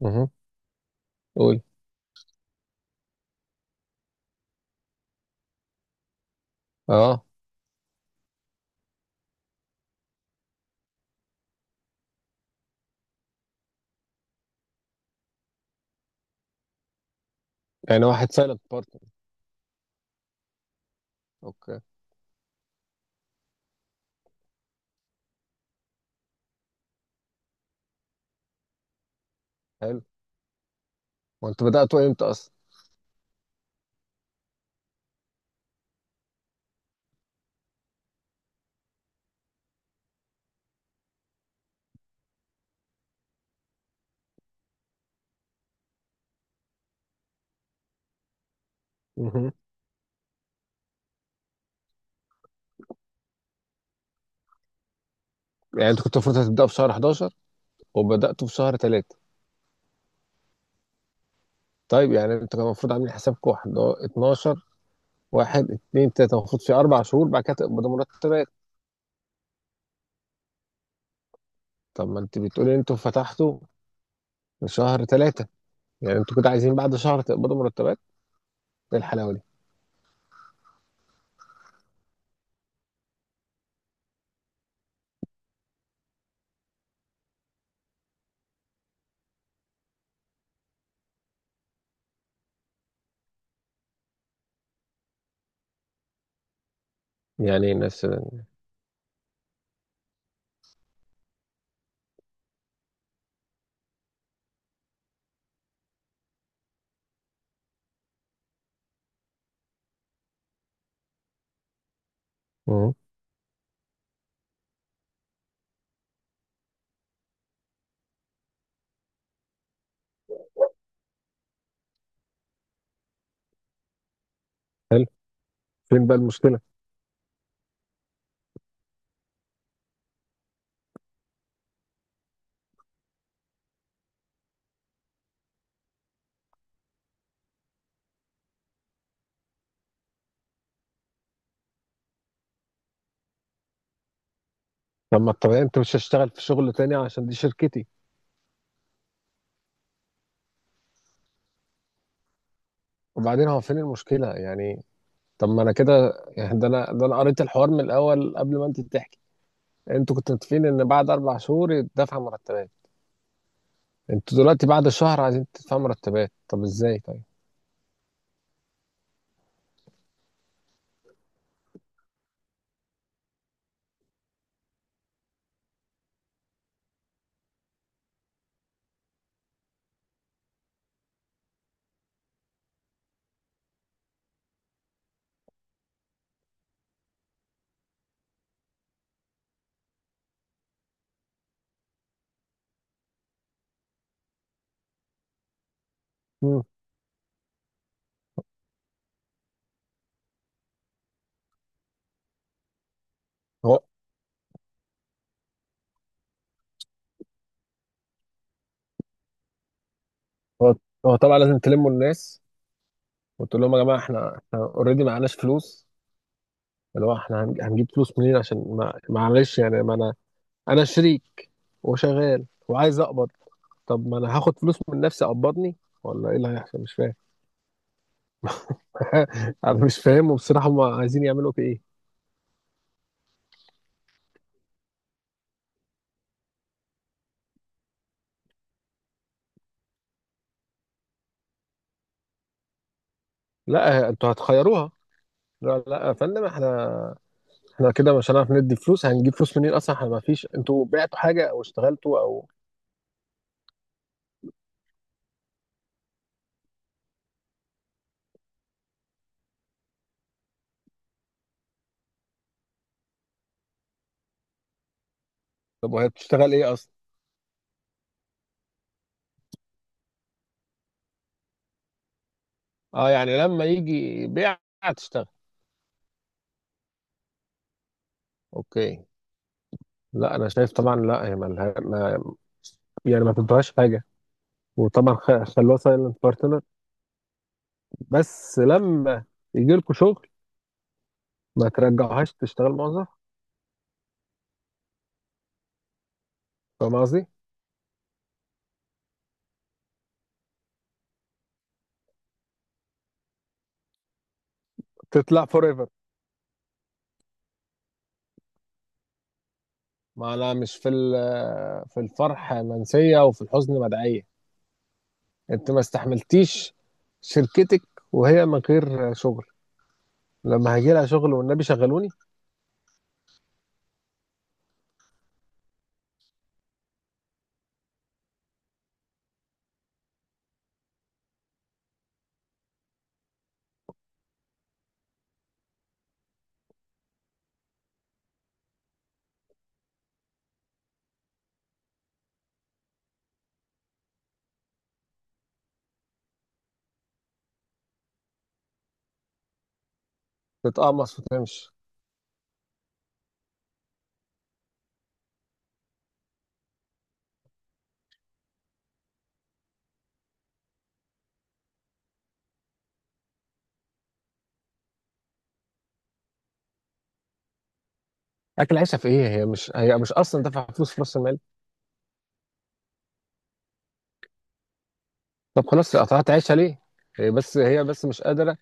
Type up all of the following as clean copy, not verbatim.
مهم. قول. اه. يعني واحد سايلنت بارتنر. اوكي. حلو. وانت بدأته امتى اصلا؟ مهم. يعني انت كنت المفروض هتبدأ في شهر 11 وبدأته في شهر 3. طيب، يعني انت كان المفروض عاملين حسابك واحد هو 12، واحد اتنين تلاتة، المفروض في اربع شهور بعد كده تقبضوا مرتبات. طب ما انت بتقولي انتوا فتحتوا في شهر 3، يعني انتوا كنتوا عايزين بعد شهر تقبضوا مرتبات؟ ايه الحلاوة دي؟ يعني ايه الناس ده؟ مهم. حلو. فين بقى المشكلة؟ طب ما الطبيعي انت مش هشتغل في شغل تاني عشان دي شركتي. وبعدين هو فين المشكلة يعني؟ طب ما انا كده، يعني ده انا قريت الحوار من الاول قبل ما انت تحكي. انتوا كنتوا متفقين ان بعد اربع شهور يدفع مرتبات، انتوا دلوقتي بعد الشهر عايزين تدفعوا مرتبات؟ طب ازاي طيب؟ مم. هو هو هو طبعا لازم تلموا الناس وتقول لهم يا جماعه، احنا اوريدي معناش فلوس، اللي هو احنا هنجيب فلوس منين؟ عشان ما معلش، يعني ما انا شريك وشغال وعايز اقبض. طب ما انا هاخد فلوس من نفسي اقبضني؟ ولا ايه اللي هيحصل؟ مش فاهم. انا مش فاهم، وبصراحه هم عايزين يعملوا في ايه؟ لا، انتوا هتخيروها. لا لا يا فندم، احنا كده مش هنعرف ندي فلوس، هنجيب فلوس منين اصلا؟ احنا ما فيش انتوا بعتوا حاجه او اشتغلتوا او... طب وهي بتشتغل ايه اصلا؟ اه، يعني لما يجي بيع تشتغل. اوكي. لا انا شايف، طبعا لا، هي مالها، ما يعني ما تدوهاش حاجه، وطبعا خلوها سايلنت بارتنر، بس لما يجي لكم شغل ما ترجعوهاش تشتغل موظف، فاهم قصدي؟ تطلع فور ايفر. ما انا مش في في الفرح منسيه وفي الحزن مدعيه. انت ما استحملتيش شركتك وهي من غير شغل، لما هيجي لها شغل والنبي شغلوني؟ تتقمص وتمشي. اكل عيشها في ايه؟ هي مش اصلا دافعه فلوس في راس المال. طب خلاص قطعت عيشها ليه؟ هي بس مش قادره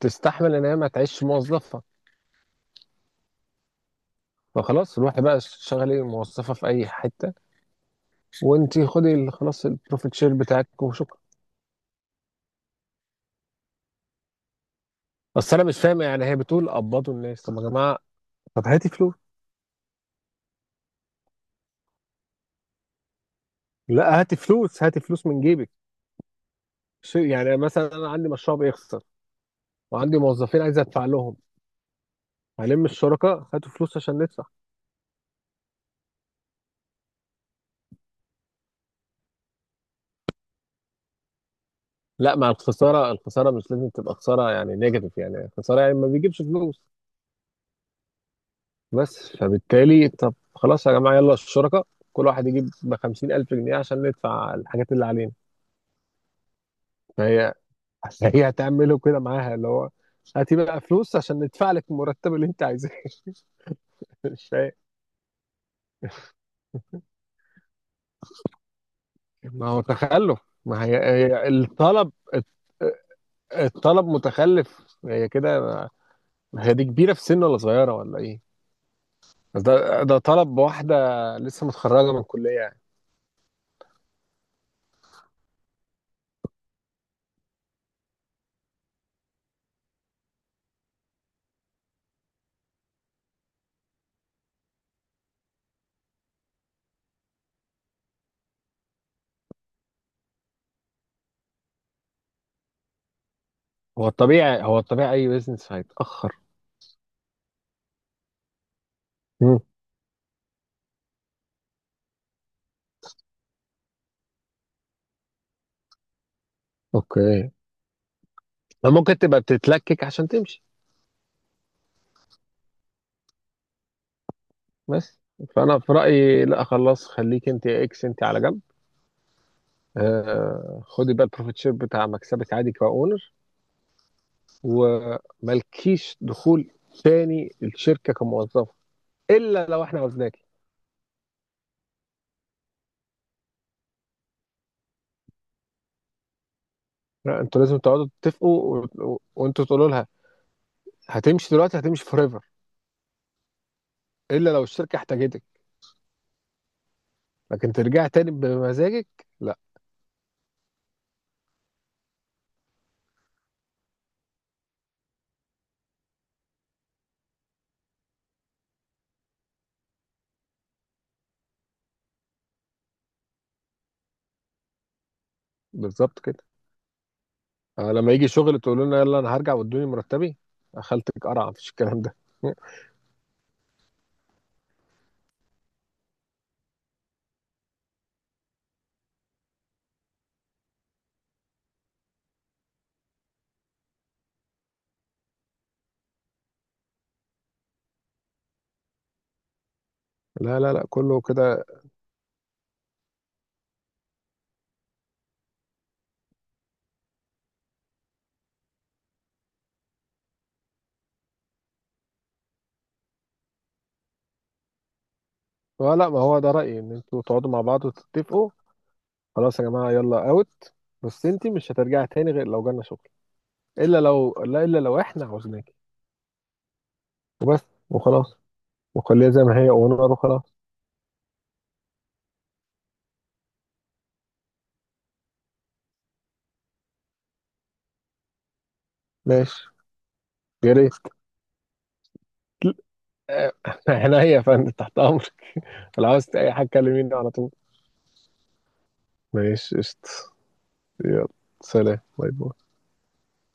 تستحمل ان هي ما تعيش موظفه، فخلاص روحي بقى شغلي موظفه في اي حته، وانت خدي خلاص البروفيت شير بتاعك وشكرا. بس انا مش فاهم، يعني هي بتقول قبضوا الناس؟ طب يا جماعه، طب هاتي فلوس. لا، هاتي فلوس، هاتي فلوس من جيبك. يعني مثلا انا عندي مشروع بيخسر، وعندي موظفين عايز ادفع لهم، هلم الشركاء هاتوا فلوس عشان ندفع. لا، مع الخساره، الخساره مش لازم تبقى خساره يعني نيجاتيف، يعني الخساره يعني ما بيجيبش فلوس بس. فبالتالي طب خلاص يا جماعه يلا الشركاء كل واحد يجيب ب 50,000 جنيه عشان ندفع الحاجات اللي علينا. فهي هتعمله كده معاها، اللي هو هاتي بقى فلوس عشان ندفع لك المرتب اللي انت عايزاه. مش فاهم. ما هو تخلف، ما هي الطلب متخلف. هي كده. هي دي كبيرة في سن ولا صغيرة ولا ايه؟ بس ده طلب واحدة لسه متخرجة من الكلية يعني. هو الطبيعي اي بيزنس هيتأخر. مم. اوكي. ما ممكن تبقى بتتلكك عشان تمشي؟ بس فانا في رأيي لا خلاص، خليك انت يا اكس انت على جنب، خدي بقى البروفيت شير بتاع مكسبك عادي كاونر، ومالكيش دخول تاني الشركة كموظفة الا لو احنا عاوزناكي. لا، انتوا لازم تقعدوا تتفقوا وانتوا تقولوا لها هتمشي دلوقتي، هتمشي فور ايفر، الا لو الشركه احتاجتك، لكن ترجع تاني بمزاجك؟ لا. بالظبط كده. لما يجي شغل تقول لنا يلا انا هرجع وادوني مرتبي؟ خالتك قرع، مفيش الكلام ده. لا لا لا، كله كده. لا، ما هو ده رايي ان انتوا تقعدوا مع بعض وتتفقوا. خلاص يا جماعه يلا اوت. بس انت مش هترجعي تاني غير لو جالنا شغل. الا لو لا الا لو احنا عاوزينك وبس وخلاص. وخليها زي ما هي ونقر وخلاص. ماشي، يا ريت. آه، عينيا يا فندم تحت امرك. لو عاوزت اي حاجه كلميني على طول. ماشي قشطة. يلا، سلام باي باي.